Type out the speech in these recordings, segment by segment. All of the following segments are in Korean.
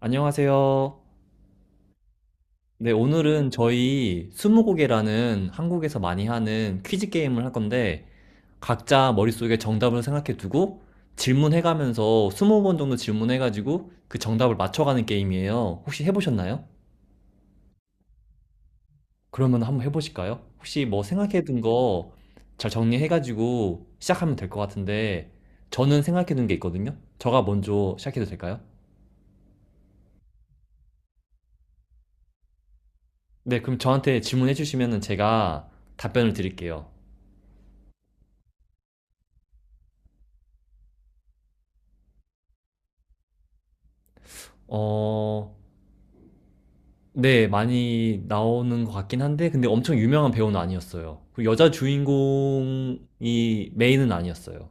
안녕하세요. 네, 오늘은 저희 스무고개라는 한국에서 많이 하는 퀴즈 게임을 할 건데, 각자 머릿속에 정답을 생각해 두고 질문해가면서 20번 정도 질문해가지고 그 정답을 맞춰가는 게임이에요. 혹시 해보셨나요? 그러면 한번 해보실까요? 혹시 뭐 생각해 둔 거 잘 정리해가지고 시작하면 될 것 같은데, 저는 생각해 둔 게 있거든요. 저가 먼저 시작해도 될까요? 네, 그럼 저한테 질문해 주시면 제가 답변을 드릴게요. 어, 네, 많이 나오는 것 같긴 한데, 근데 엄청 유명한 배우는 아니었어요. 그리고 여자 주인공이 메인은 아니었어요.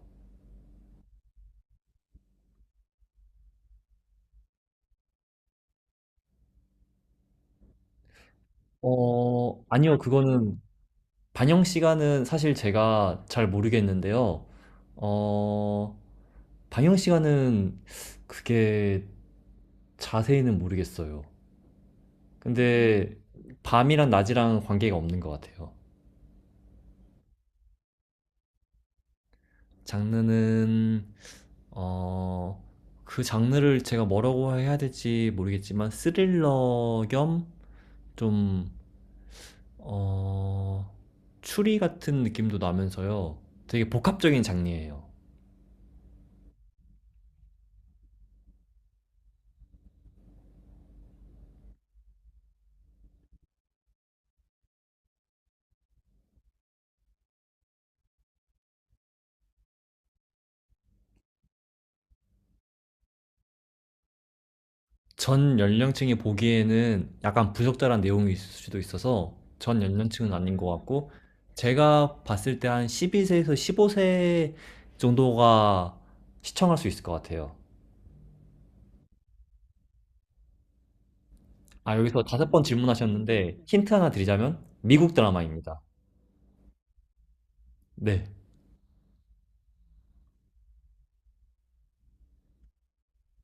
아니요, 그거는 반영 시간은 사실 제가 잘 모르겠는데요. 어, 반영 시간은 그게 자세히는 모르겠어요. 근데 밤이랑 낮이랑 관계가 없는 것 같아요. 장르는 어, 그 장르를 제가 뭐라고 해야 될지 모르겠지만 스릴러 겸 좀, 어, 추리 같은 느낌도 나면서요. 되게 복합적인 장르예요. 전 연령층이 보기에는 약간 부적절한 내용이 있을 수도 있어서 전 연령층은 아닌 것 같고, 제가 봤을 때 한 12세에서 15세 정도가 시청할 수 있을 것 같아요. 아, 여기서 다섯 번 질문하셨는데, 힌트 하나 드리자면, 미국 드라마입니다. 네.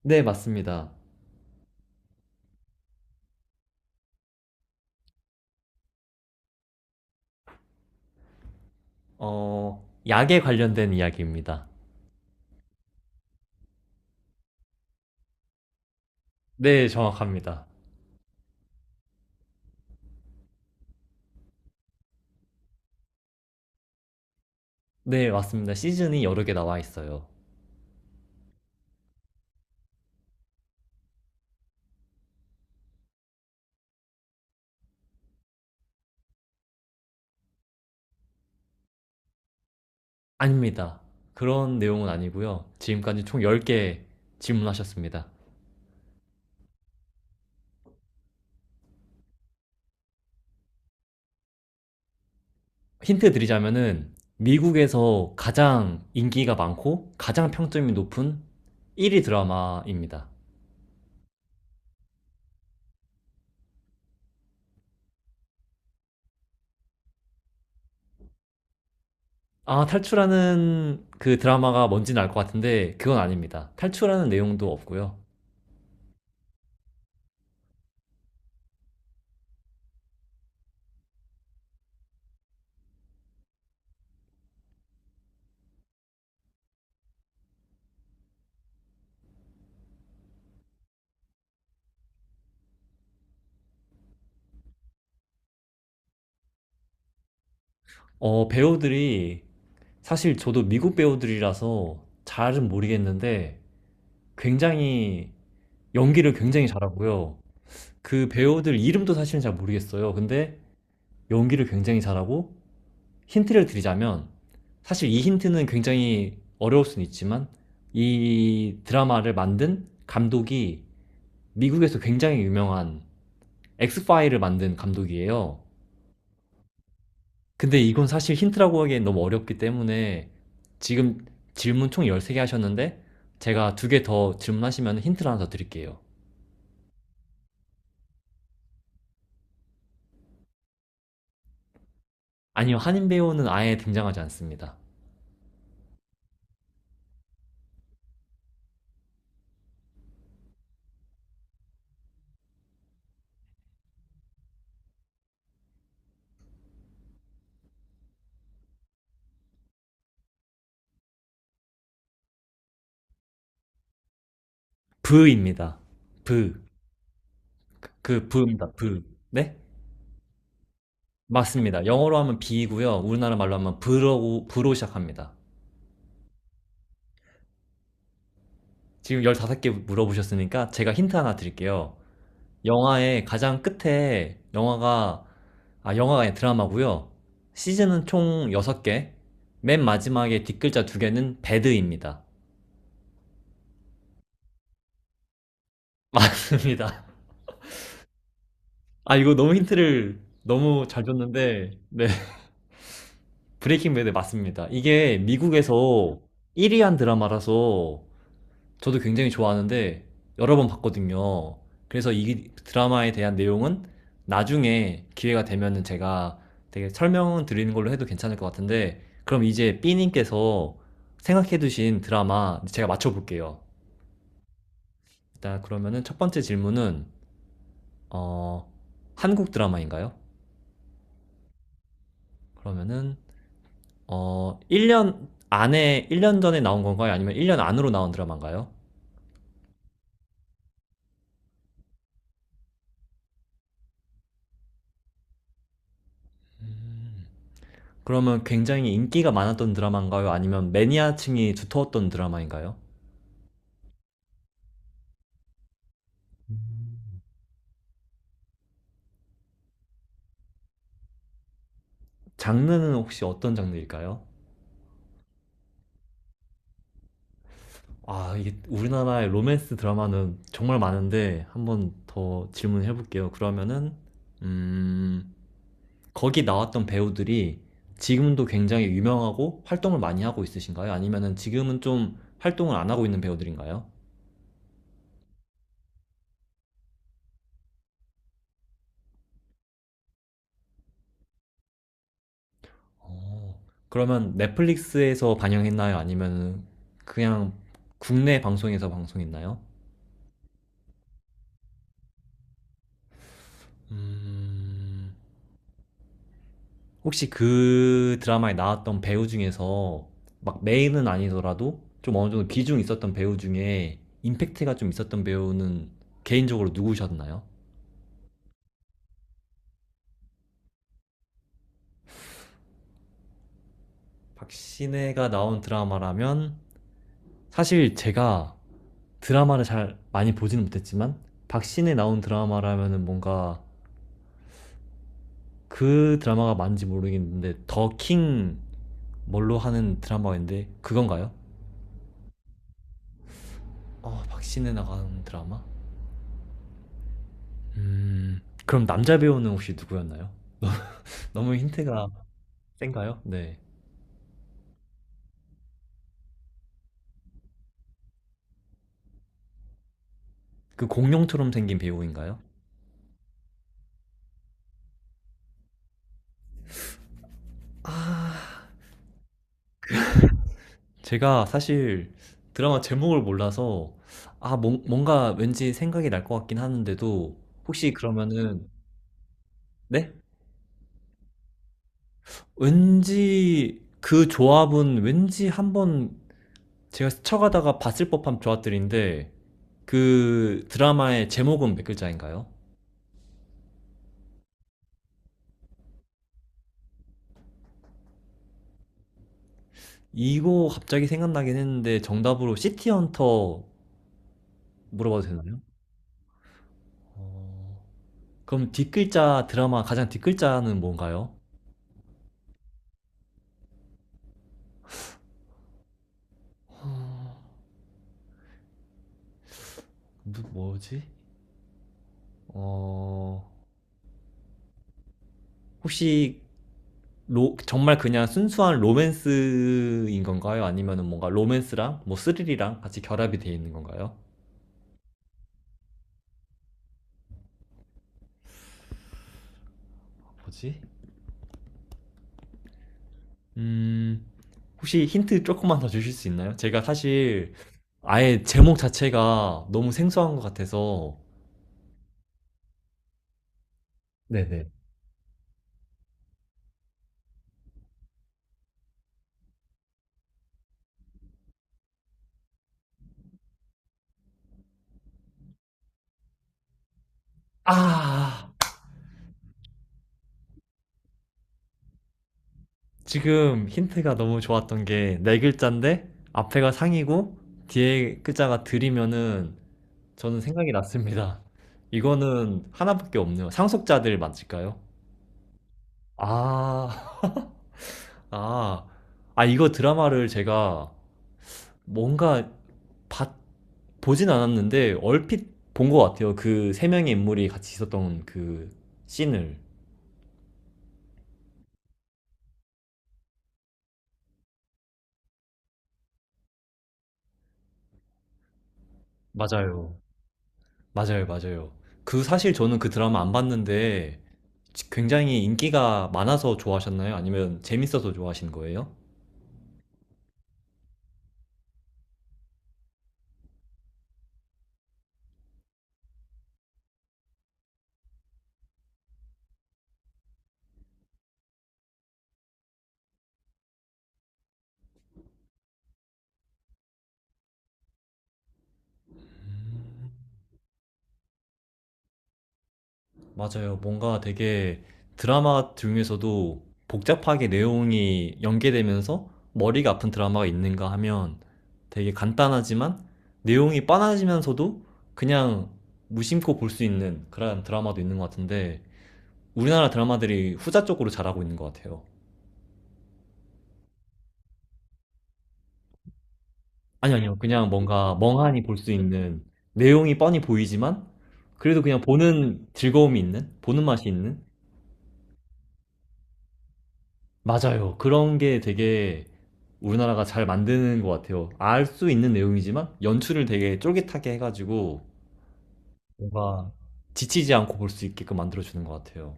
네, 맞습니다. 약에 관련된 이야기입니다. 네, 정확합니다. 네, 맞습니다. 시즌이 여러 개 나와 있어요. 아닙니다. 그런 내용은 아니고요. 지금까지 총 10개 질문하셨습니다. 힌트 드리자면은, 미국에서 가장 인기가 많고, 가장 평점이 높은 1위 드라마입니다. 아, 탈출하는 그 드라마가 뭔지는 알 것 같은데, 그건 아닙니다. 탈출하는 내용도 없고요. 배우들이, 사실 저도 미국 배우들이라서 잘은 모르겠는데, 굉장히, 연기를 굉장히 잘하고요. 그 배우들 이름도 사실은 잘 모르겠어요. 근데 연기를 굉장히 잘하고, 힌트를 드리자면, 사실 이 힌트는 굉장히 어려울 수는 있지만, 이 드라마를 만든 감독이 미국에서 굉장히 유명한 엑스파일을 만든 감독이에요. 근데 이건 사실 힌트라고 하기엔 너무 어렵기 때문에 지금 질문 총 13개 하셨는데 제가 두 개 더 질문하시면 힌트를 하나 더 드릴게요. 아니요, 한인 배우는 아예 등장하지 않습니다. 브입니다. 브. 그 브입니다. 브. 네? 맞습니다. 영어로 하면 비이고요. 우리나라 말로 하면 브로 시작합니다. 지금 15개 물어보셨으니까 제가 힌트 하나 드릴게요. 영화의 가장 끝에 영화가, 아, 영화가 아니라 드라마고요. 시즌은 총 6개. 맨 마지막에 뒷글자 2개는 배드입니다. 맞습니다. 아, 이거 너무 힌트를 너무 잘 줬는데, 네. 브레이킹 배드 맞습니다. 이게 미국에서 1위 한 드라마라서 저도 굉장히 좋아하는데 여러 번 봤거든요. 그래서 이 드라마에 대한 내용은 나중에 기회가 되면은 제가 되게 설명을 드리는 걸로 해도 괜찮을 것 같은데, 그럼 이제 B님께서 생각해 두신 드라마 제가 맞춰볼게요. 일단 그러면은 첫 번째 질문은 어, 한국 드라마인가요? 그러면은 1년 안에 1년 전에 나온 건가요? 아니면 1년 안으로 나온 드라마인가요? 그러면 굉장히 인기가 많았던 드라마인가요? 아니면 매니아층이 두터웠던 드라마인가요? 장르는 혹시 어떤 장르일까요? 아, 이게 우리나라의 로맨스 드라마는 정말 많은데 한번 더 질문해 볼게요. 그러면은 음, 거기 나왔던 배우들이 지금도 굉장히 유명하고 활동을 많이 하고 있으신가요? 아니면은 지금은 좀 활동을 안 하고 있는 배우들인가요? 어, 그러면 넷플릭스에서 방영했나요? 아니면 그냥 국내 방송에서 방송했나요? 음, 혹시 그 드라마에 나왔던 배우 중에서 막 메인은 아니더라도 좀 어느 정도 비중 있었던 배우 중에 임팩트가 좀 있었던 배우는 개인적으로 누구셨나요? 박신혜가 나온 드라마라면 사실 제가 드라마를 잘 많이 보지는 못했지만 박신혜 나온 드라마라면은 뭔가 그 드라마가 맞는지 모르겠는데, 더킹 뭘로 하는 드라마인데 그건가요? 박신혜 나는 드라마? 음, 그럼 남자 배우는 혹시 누구였나요? 너무 힌트가 센가요? 네. 그 공룡처럼 생긴 배우인가요? 아, 제가 사실 드라마 제목을 몰라서, 아, 뭔가 왠지 생각이 날 것 같긴 하는데도, 혹시 그러면은, 네? 왠지 그 조합은 왠지 한번 제가 스쳐가다가 봤을 법한 조합들인데, 그 드라마의 제목은 몇 글자인가요? 이거 갑자기 생각나긴 했는데 정답으로 시티헌터 물어봐도 되나요? 어, 그럼 뒷글자 드라마 가장 뒷글자는 뭔가요? 어, 뭐지? 어, 혹시 로, 정말 그냥 순수한 로맨스인 건가요? 아니면 뭔가 로맨스랑 뭐 스릴이랑 같이 결합이 되어 있는 건가요? 뭐지? 음, 혹시 힌트 조금만 더 주실 수 있나요? 제가 사실 아예 제목 자체가 너무 생소한 것 같아서 네네. 아, 지금 힌트가 너무 좋았던 게 네 글자인데 앞에가 상이고 뒤에 글자가 들이면은 저는 생각이 났습니다. 이거는 하나밖에 없네요. 상속자들 맞을까요? 아, 아, 아 이거 드라마를 제가 뭔가 봤, 보진 않았는데 얼핏 본 것 같아요. 그 세 명의 인물이 같이 있었던 그 씬을. 맞아요. 맞아요, 맞아요. 그 사실 저는 그 드라마 안 봤는데 굉장히 인기가 많아서 좋아하셨나요? 아니면 재밌어서 좋아하신 거예요? 맞아요. 뭔가 되게 드라마 중에서도 복잡하게 내용이 연계되면서 머리가 아픈 드라마가 있는가 하면 되게 간단하지만 내용이 뻔하지면서도 그냥 무심코 볼 수 있는 그런 드라마도 있는 것 같은데, 우리나라 드라마들이 후자 쪽으로 잘하고 있는 것 같아요. 아니, 아니요. 그냥 뭔가 멍하니 볼 수 있는, 내용이 뻔히 보이지만, 그래도 그냥 보는 즐거움이 있는, 보는 맛이 있는? 맞아요. 그런 게 되게 우리나라가 잘 만드는 것 같아요. 알 수 있는 내용이지만, 연출을 되게 쫄깃하게 해가지고, 뭔가 지치지 않고 볼 수 있게끔 만들어주는 것 같아요.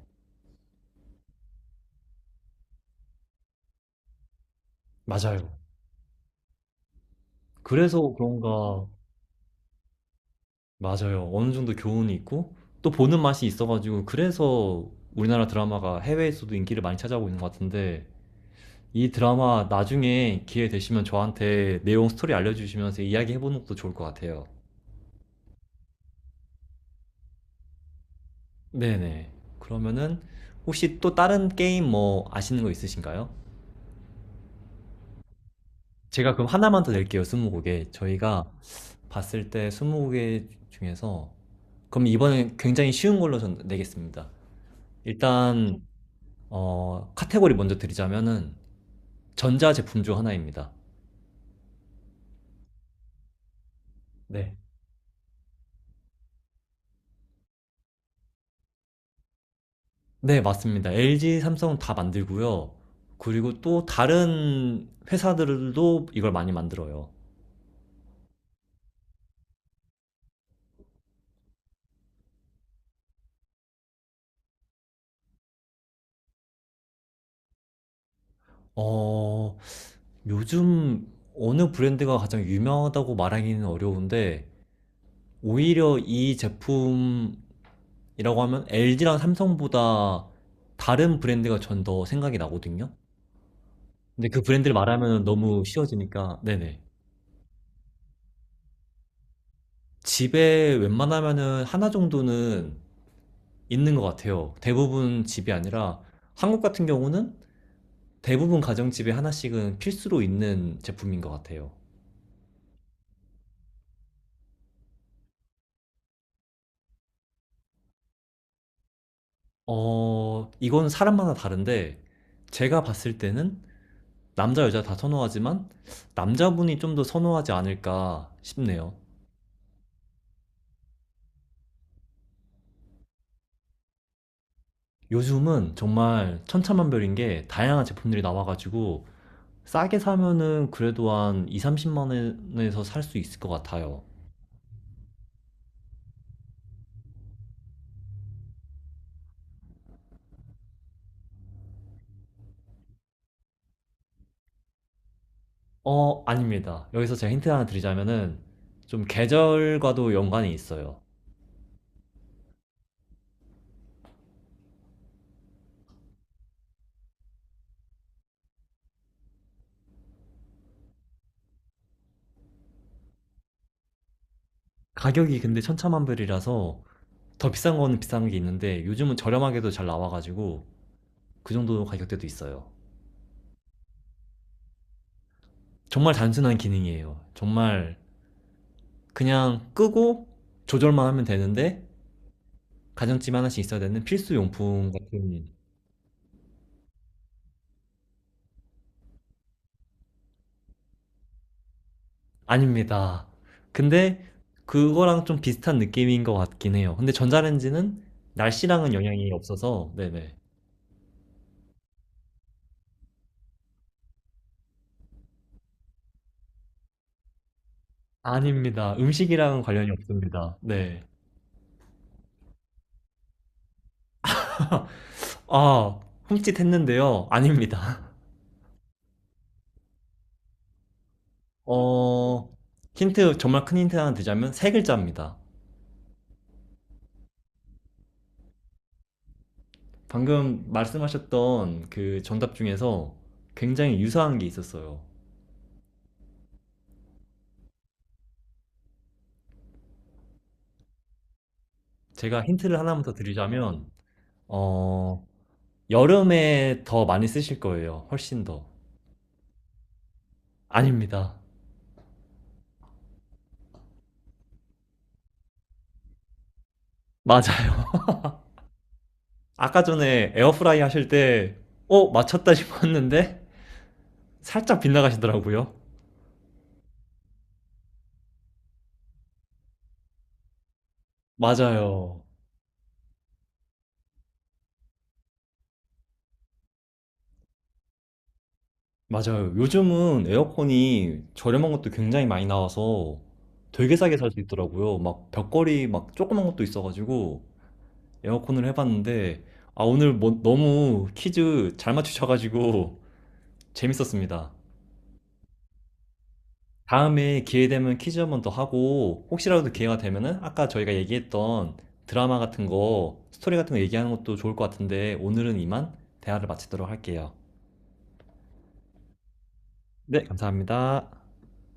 맞아요. 그래서 그런가, 맞아요. 어느 정도 교훈이 있고, 또 보는 맛이 있어가지고, 그래서 우리나라 드라마가 해외에서도 인기를 많이 찾아오고 있는 것 같은데, 이 드라마 나중에 기회 되시면 저한테 내용 스토리 알려주시면서 이야기해보는 것도 좋을 것 같아요. 네네. 그러면은 혹시 또 다른 게임 뭐 아시는 거 있으신가요? 제가 그럼 하나만 더 낼게요, 스무고개. 저희가 봤을 때 스무고개 중에서 그럼 이번엔 굉장히 쉬운 걸로 전 내겠습니다. 일단 네. 카테고리 먼저 드리자면은 전자제품 중 하나입니다. 네. 네, 맞습니다. LG, 삼성 다 만들고요. 그리고 또 다른 회사들도 이걸 많이 만들어요. 어, 요즘 어느 브랜드가 가장 유명하다고 말하기는 어려운데, 오히려 이 제품이라고 하면 LG랑 삼성보다 다른 브랜드가 전 더 생각이 나거든요. 근데 그 브랜드를 말하면 너무 쉬워지니까, 네네. 집에 웬만하면은 하나 정도는 있는 것 같아요. 대부분 집이 아니라, 한국 같은 경우는 대부분 가정집에 하나씩은 필수로 있는 제품인 것 같아요. 이건 사람마다 다른데, 제가 봤을 때는 남자, 여자 다 선호하지만, 남자분이 좀 더 선호하지 않을까 싶네요. 요즘은 정말 천차만별인 게 다양한 제품들이 나와가지고, 싸게 사면은 그래도 한 2, 30만 원에서 살 수 있을 것 같아요. 아닙니다. 여기서 제가 힌트 하나 드리자면은, 좀 계절과도 연관이 있어요. 가격이 근데 천차만별이라서, 더 비싼 건 비싼 게 있는데 요즘은 저렴하게도 잘 나와가지고 그 정도 가격대도 있어요. 정말 단순한 기능이에요. 정말 그냥 끄고 조절만 하면 되는데 가정집에 하나씩 있어야 되는 필수 용품 같은. 아닙니다. 근데 그거랑 좀 비슷한 느낌인 것 같긴 해요. 근데 전자레인지는 날씨랑은 영향이 없어서 네네. 아닙니다. 음식이랑 관련이 없습니다. 네. 아, 흠칫했는데요. 아닙니다. 어, 힌트, 정말 큰 힌트 하나 드자면 세 글자입니다. 방금 말씀하셨던 그 정답 중에서 굉장히 유사한 게 있었어요. 제가 힌트를 하나만 더 드리자면, 어, 여름에 더 많이 쓰실 거예요. 훨씬 더. 아닙니다. 맞아요. 아까 전에 에어프라이 하실 때, 맞췄다 싶었는데, 살짝 빗나가시더라고요. 맞아요. 맞아요. 요즘은 에어컨이 저렴한 것도 굉장히 많이 나와서 되게 싸게 살 수 있더라고요. 막 벽걸이 막 조그만 것도 있어가지고 에어컨을 해봤는데, 아 오늘 뭐 너무 퀴즈 잘 맞추셔가지고 재밌었습니다. 다음에 기회 되면 퀴즈 한 번 더 하고 혹시라도 기회가 되면은 아까 저희가 얘기했던 드라마 같은 거 스토리 같은 거 얘기하는 것도 좋을 것 같은데 오늘은 이만 대화를 마치도록 할게요. 네, 감사합니다.